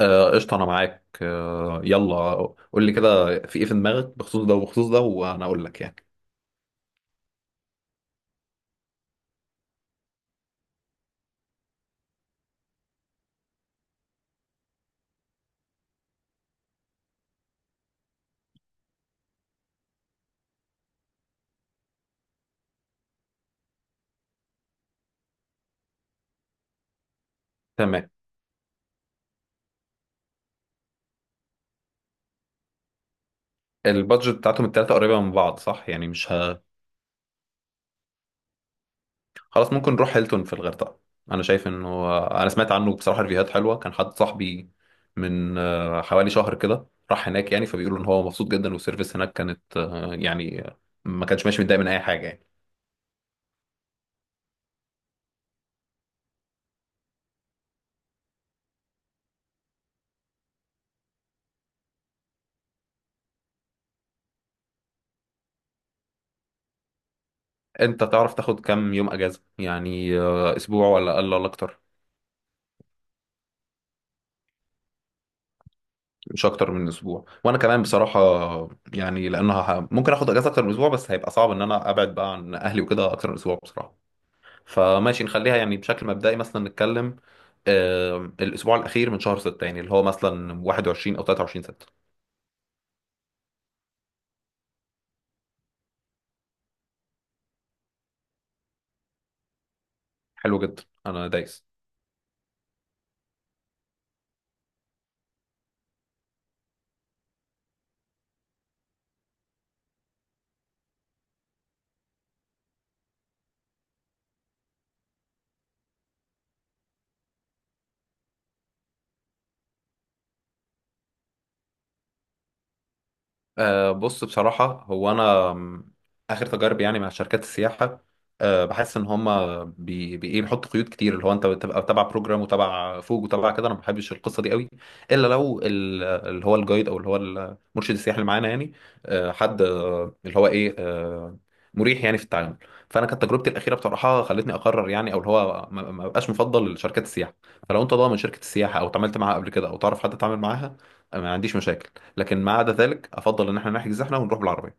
آه، قشطة، أنا معاك. يلا. قول لي كده في إيه في دماغك بخصوص ده وبخصوص ده، وأنا أقول لك يعني. تمام. البادجت بتاعتهم التلاتة قريبة من بعض، صح؟ يعني مش خلاص، ممكن نروح هيلتون في الغردقة. أنا شايف إنه أنا سمعت عنه بصراحة ريفيوهات حلوة. كان حد صاحبي من حوالي شهر كده راح هناك يعني، فبيقولوا إن هو مبسوط جدا، والسيرفيس هناك كانت يعني ما كانش ماشي متضايق من أي حاجة يعني. أنت تعرف تاخد كام يوم أجازة؟ يعني أسبوع ولا أقل ولا أكتر؟ مش اكتر من اسبوع، وانا كمان بصراحه يعني لانها ممكن اخد اجازه اكتر من اسبوع، بس هيبقى صعب ان انا ابعد بقى عن اهلي وكده اكتر من اسبوع بصراحه. فماشي، نخليها يعني بشكل مبدئي، مثلا نتكلم الاسبوع الاخير من شهر 6، يعني اللي هو مثلا 21 او 23 6. حلو جدا، انا دايس. بص، بصراحة هو أنا آخر تجاربي يعني مع شركات السياحة، بحس إن هما بي بي إيه بيحطوا قيود كتير، اللي هو أنت بتبقى تبع بروجرام وتبع فوج وتبع كده، أنا ما بحبش القصة دي قوي، إلا لو اللي هو الجايد أو اللي هو المرشد السياحي اللي معانا يعني، أه حد أه اللي هو إيه أه مريح يعني في التعامل. فأنا كانت تجربتي الأخيرة بصراحة خلتني أقرر يعني، أو اللي هو ما بقاش مفضل لشركات السياحة. فلو أنت ضامن شركة السياحة أو اتعاملت معاها قبل كده أو تعرف حد اتعامل معاها، ما عنديش مشاكل. لكن ما عدا ذلك، افضل ان احنا نحجز احنا ونروح بالعربيه.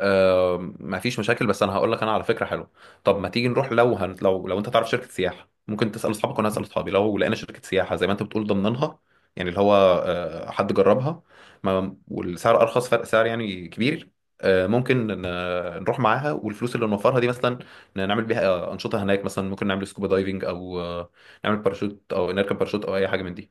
أه، ما فيش مشاكل، بس انا هقول لك انا على فكره حلوه. طب ما تيجي نروح، لو لو انت تعرف شركه سياحه، ممكن تسال اصحابك وانا هسال اصحابي، لو لقينا شركه سياحه زي ما انت بتقول ضمنها، يعني اللي هو حد جربها، ما... والسعر ارخص، فرق سعر يعني كبير، ممكن نروح معاها، والفلوس اللي نوفرها دي مثلا نعمل بيها انشطه هناك، مثلا ممكن نعمل سكوبا دايفنج او نعمل باراشوت او نركب باراشوت او اي حاجه من دي.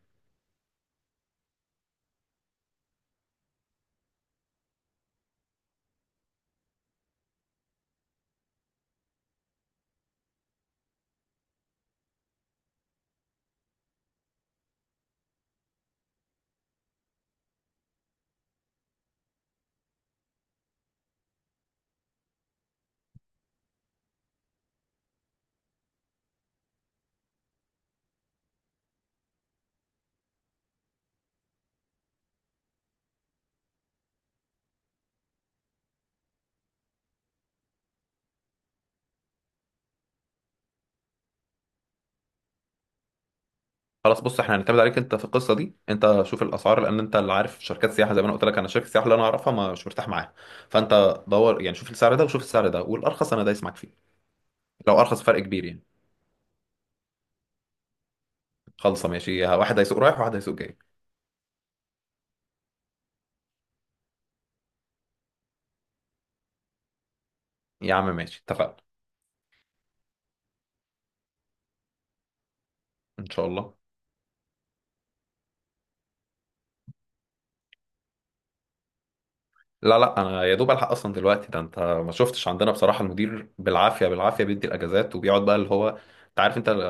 خلاص، بص، احنا هنعتمد عليك انت في القصه دي، انت شوف الاسعار لان انت اللي عارف شركات سياحه، زي ما انا قلت لك انا شركه السياحه اللي انا اعرفها ما مش مرتاح معاها. فانت دور، يعني شوف السعر ده وشوف السعر ده، والارخص انا دايس معاك فيه، لو ارخص فرق كبير يعني. خلصه ماشي، واحد هيسوق رايح وواحد هيسوق جاي. يا عم ماشي، اتفقنا. ان شاء الله. لا لا، انا يا دوب الحق اصلا دلوقتي، ده انت ما شفتش عندنا بصراحه، المدير بالعافيه بالعافيه بيدي الاجازات، وبيقعد بقى اللي هو، انت عارف انت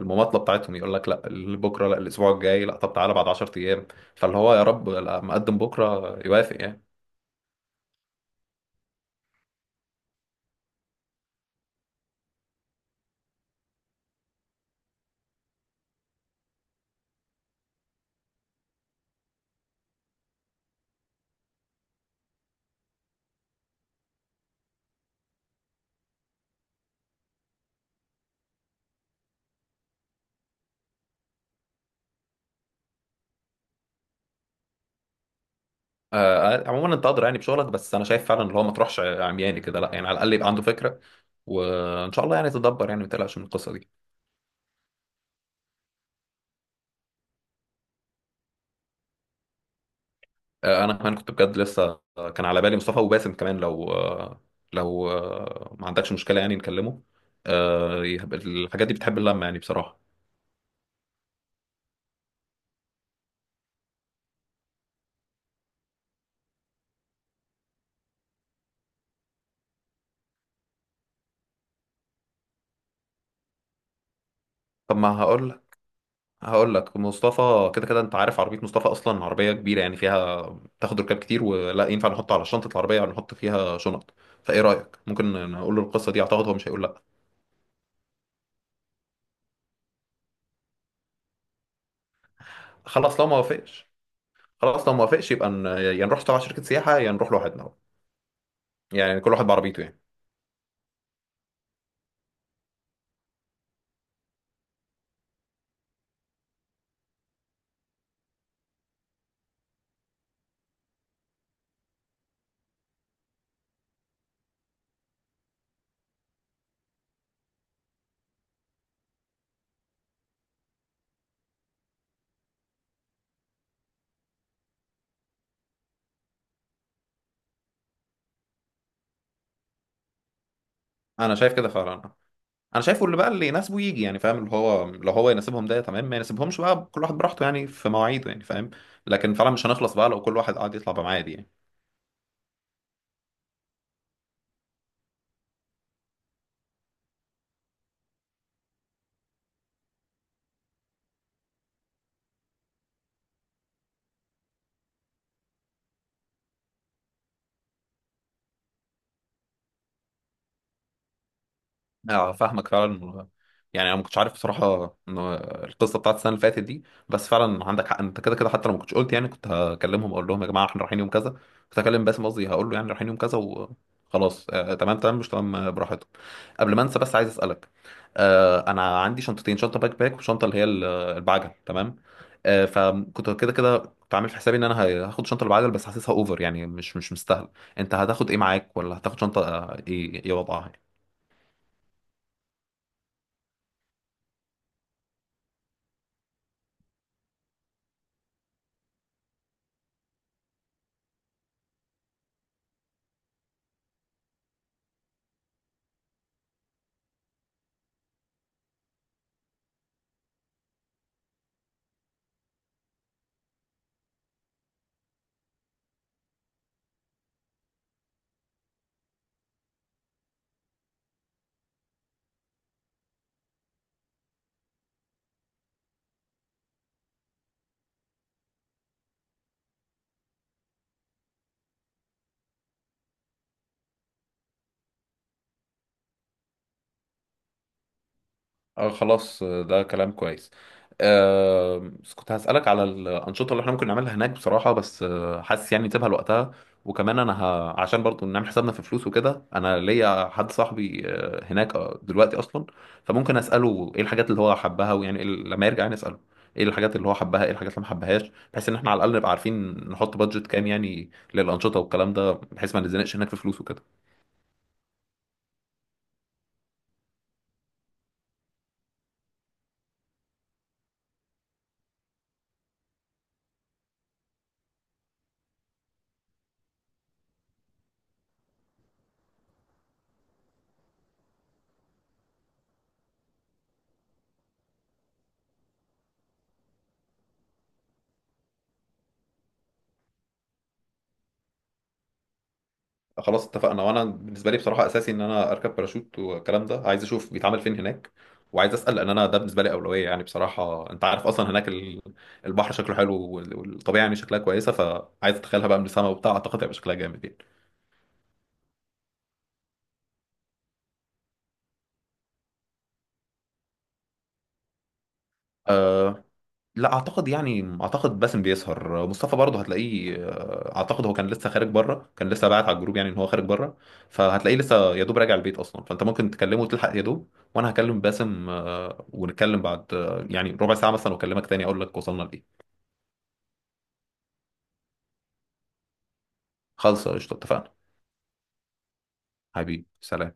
المماطله بتاعتهم، يقول لك لا بكره، لا الاسبوع الجاي، لا طب تعالى بعد 10 ايام. فاللي هو يا رب لا، مقدم بكره يوافق يعني. آه آه، عموما انت قادر يعني بشغلك، بس انا شايف فعلا اللي هو ما تروحش عمياني كده، لا يعني، على الاقل يبقى عنده فكره، وان شاء الله يعني تدبر، يعني ما تقلقش من القصه دي. انا كمان كنت بجد لسه كان على بالي مصطفى وباسم كمان، لو ما عندكش مشكله، يعني نكلمه، الحاجات دي بتحب اللمه يعني بصراحه. طب ما هقول، هقول لك مصطفى كده كده انت عارف عربيه مصطفى اصلا عربيه كبيره يعني فيها تاخد ركاب كتير، ولا ينفع نحط على شنطه العربيه ولا نحط فيها شنط؟ فايه رايك؟ ممكن نقول له القصه دي، اعتقد هو مش هيقول لا. خلاص لو ما وافقش، خلاص لو ما وافقش يبقى يا نروح تبع شركه سياحه يا نروح لوحدنا، يعني كل واحد بعربيته يعني. انا شايف كده فعلا، انا شايفه اللي بقى اللي يناسبه يجي، يعني فاهم؟ اللي هو لو هو يناسبهم ده تمام، ما يناسبهمش بقى كل واحد براحته، يعني في مواعيده، يعني فاهم؟ لكن فعلا مش هنخلص بقى لو كل واحد قاعد يطلع بميعاد يعني. اه فاهمك فعلا، يعني انا ما كنتش عارف بصراحه ان القصه بتاعت السنه اللي فاتت دي، بس فعلا عندك حق، انت كده كده حتى لو ما كنتش قلت يعني كنت هكلمهم اقول لهم يا جماعه احنا رايحين يوم كذا، كنت هكلم باسم، قصدي هقول له يعني رايحين يوم كذا وخلاص، آه تمام تمام مش تمام براحتكم. قبل ما انسى بس عايز اسالك، انا عندي شنطتين، شنطه باك باك وشنطه اللي هي البعجل، تمام. فكنت كده كده كنت عامل في حسابي ان انا هاخد شنطه البعجل، بس حاسسها اوفر يعني، مش مستاهل. انت هتاخد ايه معاك؟ ولا هتاخد شنطه ايه؟ ايه وضعها؟ اه خلاص، ده كلام كويس. آه بس كنت هسألك على الأنشطة اللي احنا ممكن نعملها هناك بصراحة، بس حاسس يعني نسيبها لوقتها. وكمان أنا عشان برضو نعمل حسابنا في فلوس وكده، أنا ليا حد صاحبي هناك دلوقتي أصلا، فممكن أسأله إيه الحاجات اللي هو حبها، ويعني لما يرجع يعني أسأله إيه الحاجات اللي هو حبها، إيه الحاجات اللي ما حبهاش، بحيث إن احنا على الأقل نبقى عارفين نحط بادجت كام يعني للأنشطة والكلام ده، بحيث ما نتزنقش هناك في فلوس وكده. خلاص اتفقنا، وانا بالنسبه لي بصراحه اساسي ان انا اركب باراشوت والكلام ده، عايز اشوف بيتعمل فين هناك، وعايز اسال، لان انا ده بالنسبه لي اولويه يعني بصراحه. انت عارف اصلا هناك البحر شكله حلو والطبيعه يعني شكلها كويسه، فعايز اتخيلها بقى من السما وبتاع، اعتقد هيبقى شكلها جامد يعني. آه، لا اعتقد، يعني اعتقد باسم بيسهر، مصطفى برضه هتلاقيه، اعتقد هو كان لسه خارج بره، كان لسه باعت على الجروب يعني ان هو خارج بره، فهتلاقيه لسه يا دوب راجع البيت اصلا، فانت ممكن تكلمه وتلحق يا دوب، وانا هكلم باسم ونتكلم بعد يعني ربع ساعه مثلا، واكلمك تاني اقول لك وصلنا لايه. خلص قشطه اتفقنا. حبيبي سلام.